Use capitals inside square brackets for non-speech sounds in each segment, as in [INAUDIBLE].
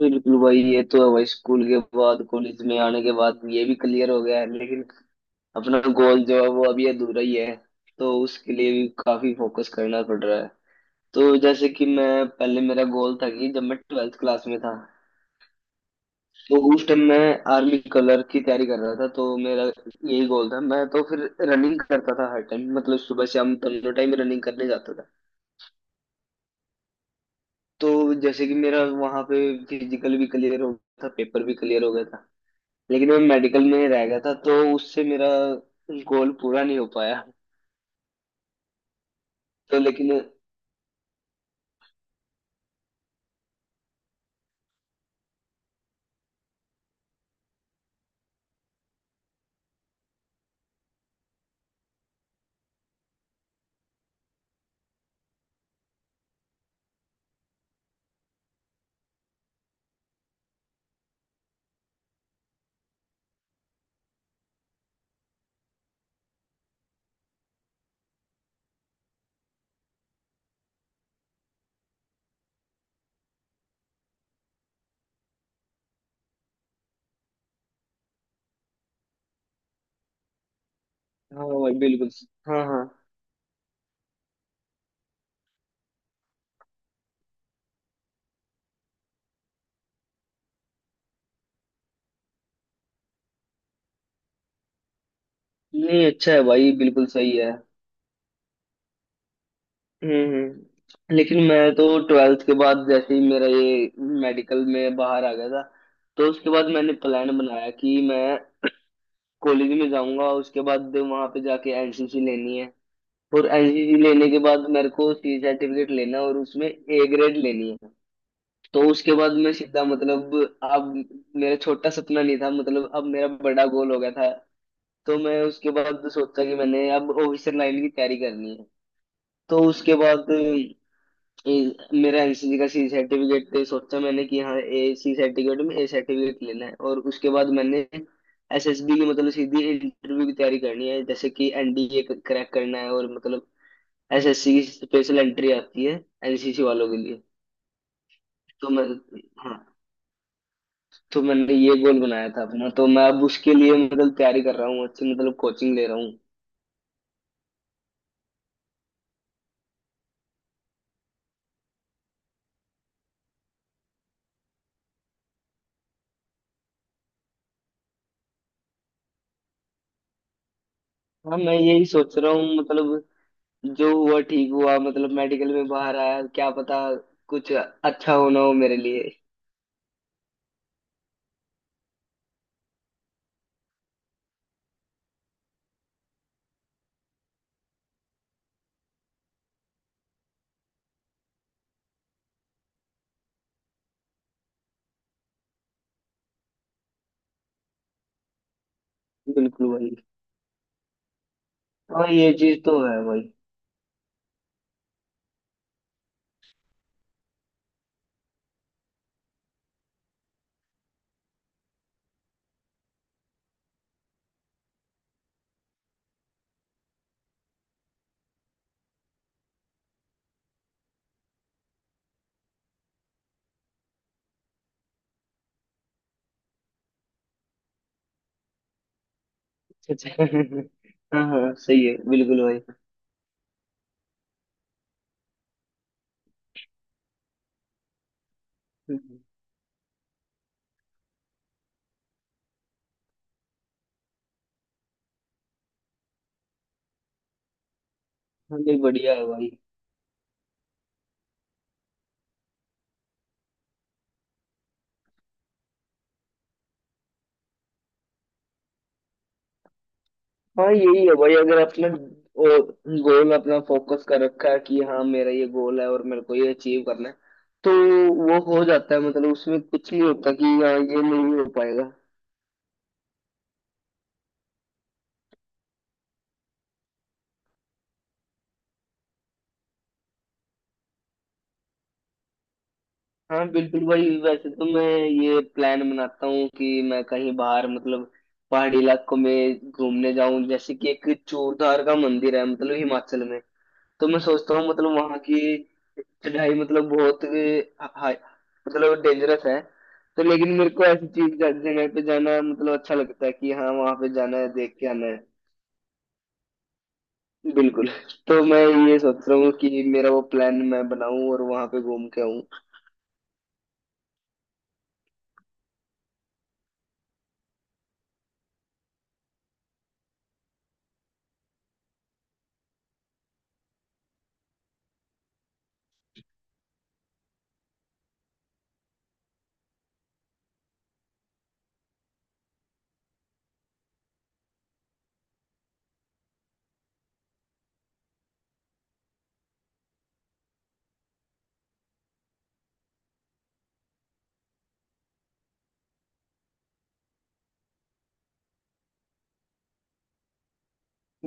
बिल्कुल भाई ये तो है भाई। स्कूल के बाद कॉलेज में आने के बाद ये भी क्लियर हो गया है लेकिन अपना गोल जो है वो अभी अधूरा ही है। तो उसके लिए भी काफी फोकस करना पड़ रहा है। तो जैसे कि मैं पहले मेरा गोल था कि जब मैं ट्वेल्थ क्लास में था तो उस टाइम मैं आर्मी कलर की तैयारी कर रहा था, तो मेरा यही गोल था। मैं तो फिर रनिंग करता था हर टाइम, मतलब सुबह शाम दोनों टाइम रनिंग करने जाता था। तो जैसे कि मेरा वहां पे फिजिकल भी क्लियर हो गया था, पेपर भी क्लियर हो गया था, लेकिन मैं मेडिकल में ही रह गया था तो उससे मेरा गोल पूरा नहीं हो पाया। तो लेकिन हाँ भाई बिल्कुल। हाँ हाँ। नहीं, अच्छा है भाई, बिल्कुल सही है। लेकिन मैं तो ट्वेल्थ के बाद जैसे ही मेरा ये मेडिकल में बाहर आ गया था, तो उसके बाद मैंने प्लान बनाया कि मैं कॉलेज में जाऊंगा, उसके बाद वहां पे जाके एनसीसी लेनी है। और एनसीसी लेने के बाद मेरे को सी सर्टिफिकेट लेना है और उसमें ए ग्रेड लेनी है। तो उसके बाद मैं सीधा, मतलब अब मेरा छोटा सपना नहीं था, मतलब अब मेरा बड़ा गोल हो गया था। तो मैं उसके बाद सोचा कि मैंने अब ऑफिसर लाइन की तैयारी करनी है। तो उसके बाद मेरा एनसीसी का सी सर्टिफिकेट पे सोचा मैंने कि हाँ ए सी सर्टिफिकेट में ए सर्टिफिकेट लेना है। और उसके बाद मैंने एसएसबी की मतलब सीधी इंटरव्यू की तैयारी करनी है, जैसे कि एनडीए क्रैक करना है। और मतलब एसएससी की स्पेशल एंट्री आती है एनसीसी वालों के लिए। तो मैं, हाँ, तो मैंने ये गोल बनाया था अपना। तो मैं अब उसके लिए मतलब तैयारी कर रहा हूँ अच्छी, मतलब कोचिंग ले रहा हूँ। हाँ, मैं यही सोच रहा हूँ, मतलब जो हुआ ठीक हुआ, मतलब मेडिकल में बाहर आया, क्या पता कुछ अच्छा होना हो मेरे लिए। बिल्कुल भाई। हाँ ये चीज तो है भाई। अच्छा, अच्छा। [LAUGHS] हाँ हाँ सही है बिल्कुल भाई। [LAUGHS] हाँ, नहीं बढ़िया है भाई। हाँ यही है भाई, अगर अपने गोल अपना फोकस कर रखा है कि हाँ मेरा ये गोल है और मेरे को ये अचीव करना है, तो वो हो जाता है। मतलब उसमें कुछ नहीं होता कि हाँ ये नहीं हो पाएगा। हाँ बिल्कुल भाई। वैसे तो मैं ये प्लान बनाता हूँ कि मैं कहीं बाहर मतलब पहाड़ी इलाकों में घूमने जाऊं, जैसे कि एक चूरधार का मंदिर है मतलब हिमाचल में। तो मैं सोचता हूँ मतलब वहां की चढ़ाई मतलब बहुत हाई, मतलब डेंजरस है। तो लेकिन मेरे को ऐसी चीज जगह पे जाना मतलब अच्छा लगता है कि हाँ वहां पे जाना है, देख के आना है। बिल्कुल। तो मैं ये सोच रहा हूँ कि मेरा वो प्लान मैं बनाऊं और वहां पे घूम के आऊं।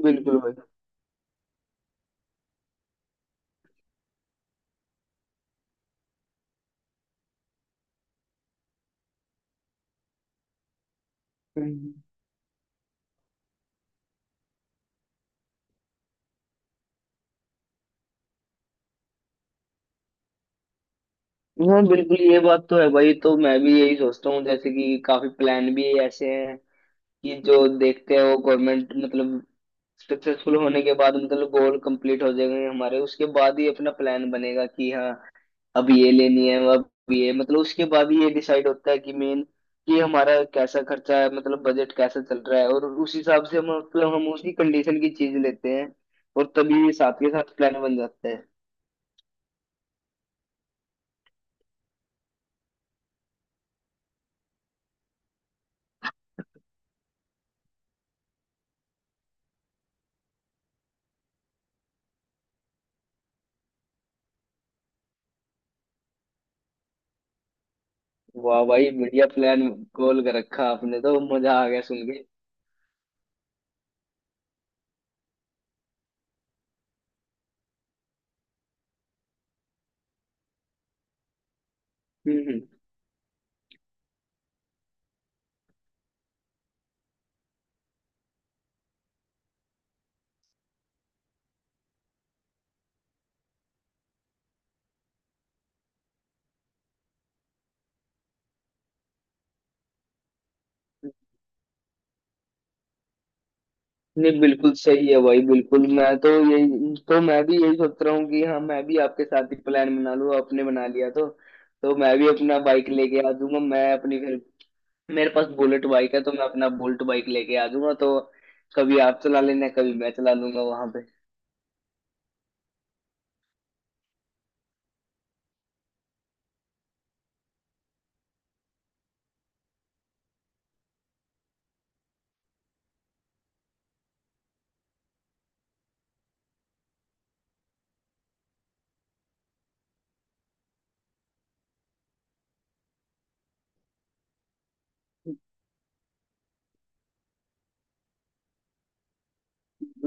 बिल्कुल भाई। हम्म। हाँ बिल्कुल ये बात तो है भाई। तो मैं भी यही सोचता हूँ, जैसे कि काफी प्लान भी ऐसे हैं कि जो देखते हैं वो गवर्नमेंट, मतलब सक्सेसफुल होने के बाद मतलब गोल कंप्लीट हो जाएंगे हमारे, उसके बाद ही अपना प्लान बनेगा कि हाँ अब ये लेनी है, अब ये, मतलब उसके बाद ही ये डिसाइड होता है कि मेन कि हमारा कैसा खर्चा है, मतलब बजट कैसा चल रहा है, और उस हिसाब से हम, मतलब हम उसी कंडीशन की चीज लेते हैं और तभी साथ के साथ प्लान बन जाता है। वाह भाई, बढ़िया प्लान गोल कर रखा आपने, तो मजा आ गया सुन के। हम्म हम्म। नहीं बिल्कुल सही है भाई। बिल्कुल मैं तो यही, तो मैं भी यही सोच रहा हूँ कि हाँ मैं भी आपके साथ ही प्लान बना लूँ, आपने बना लिया तो। तो मैं भी अपना बाइक लेके आ जाऊंगा, मैं अपनी फिर, मेरे पास बुलेट बाइक है तो मैं अपना बुलेट बाइक लेके आ जाऊंगा। तो कभी आप चला लेना, कभी मैं चला लूंगा वहां पे।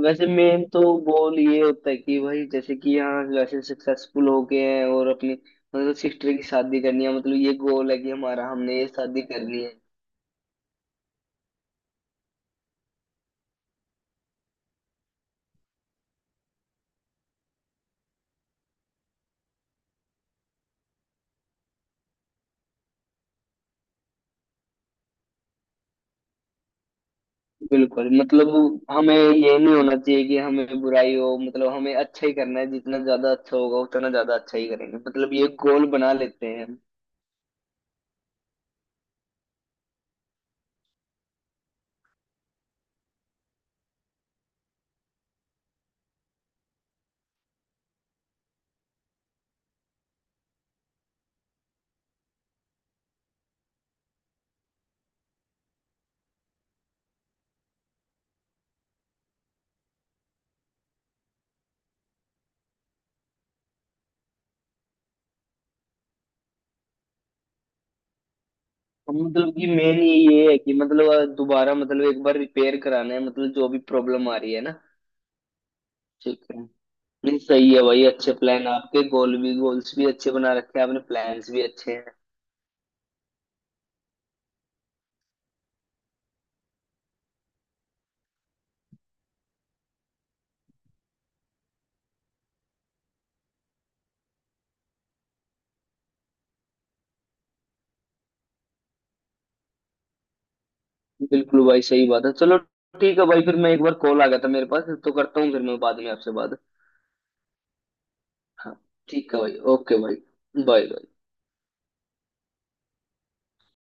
वैसे मेन तो गोल ये होता है कि भाई जैसे कि यहाँ वैसे सक्सेसफुल हो गए हैं और अपनी मतलब सिस्टर की शादी करनी है, मतलब ये गोल है कि हमारा, हमने ये शादी करनी है। बिल्कुल, मतलब हमें ये नहीं होना चाहिए कि हमें बुराई हो, मतलब हमें अच्छा ही करना है, जितना ज्यादा अच्छा होगा उतना ज्यादा अच्छा ही करेंगे, मतलब ये गोल बना लेते हैं। हम, मतलब कि मेन ये है कि मतलब दोबारा, मतलब एक बार रिपेयर कराना है, मतलब जो भी प्रॉब्लम आ रही है ना। ठीक है। नहीं सही है भाई, अच्छे प्लान आपके, गोल भी, गोल्स भी अच्छे बना रखे हैं आपने, प्लान्स भी अच्छे हैं। बिल्कुल भाई सही बात है। चलो ठीक है भाई, फिर मैं, एक बार कॉल आ गया था मेरे पास तो करता हूँ, फिर मैं बाद में आपसे बात। हाँ ठीक है भाई, ओके भाई, बाय।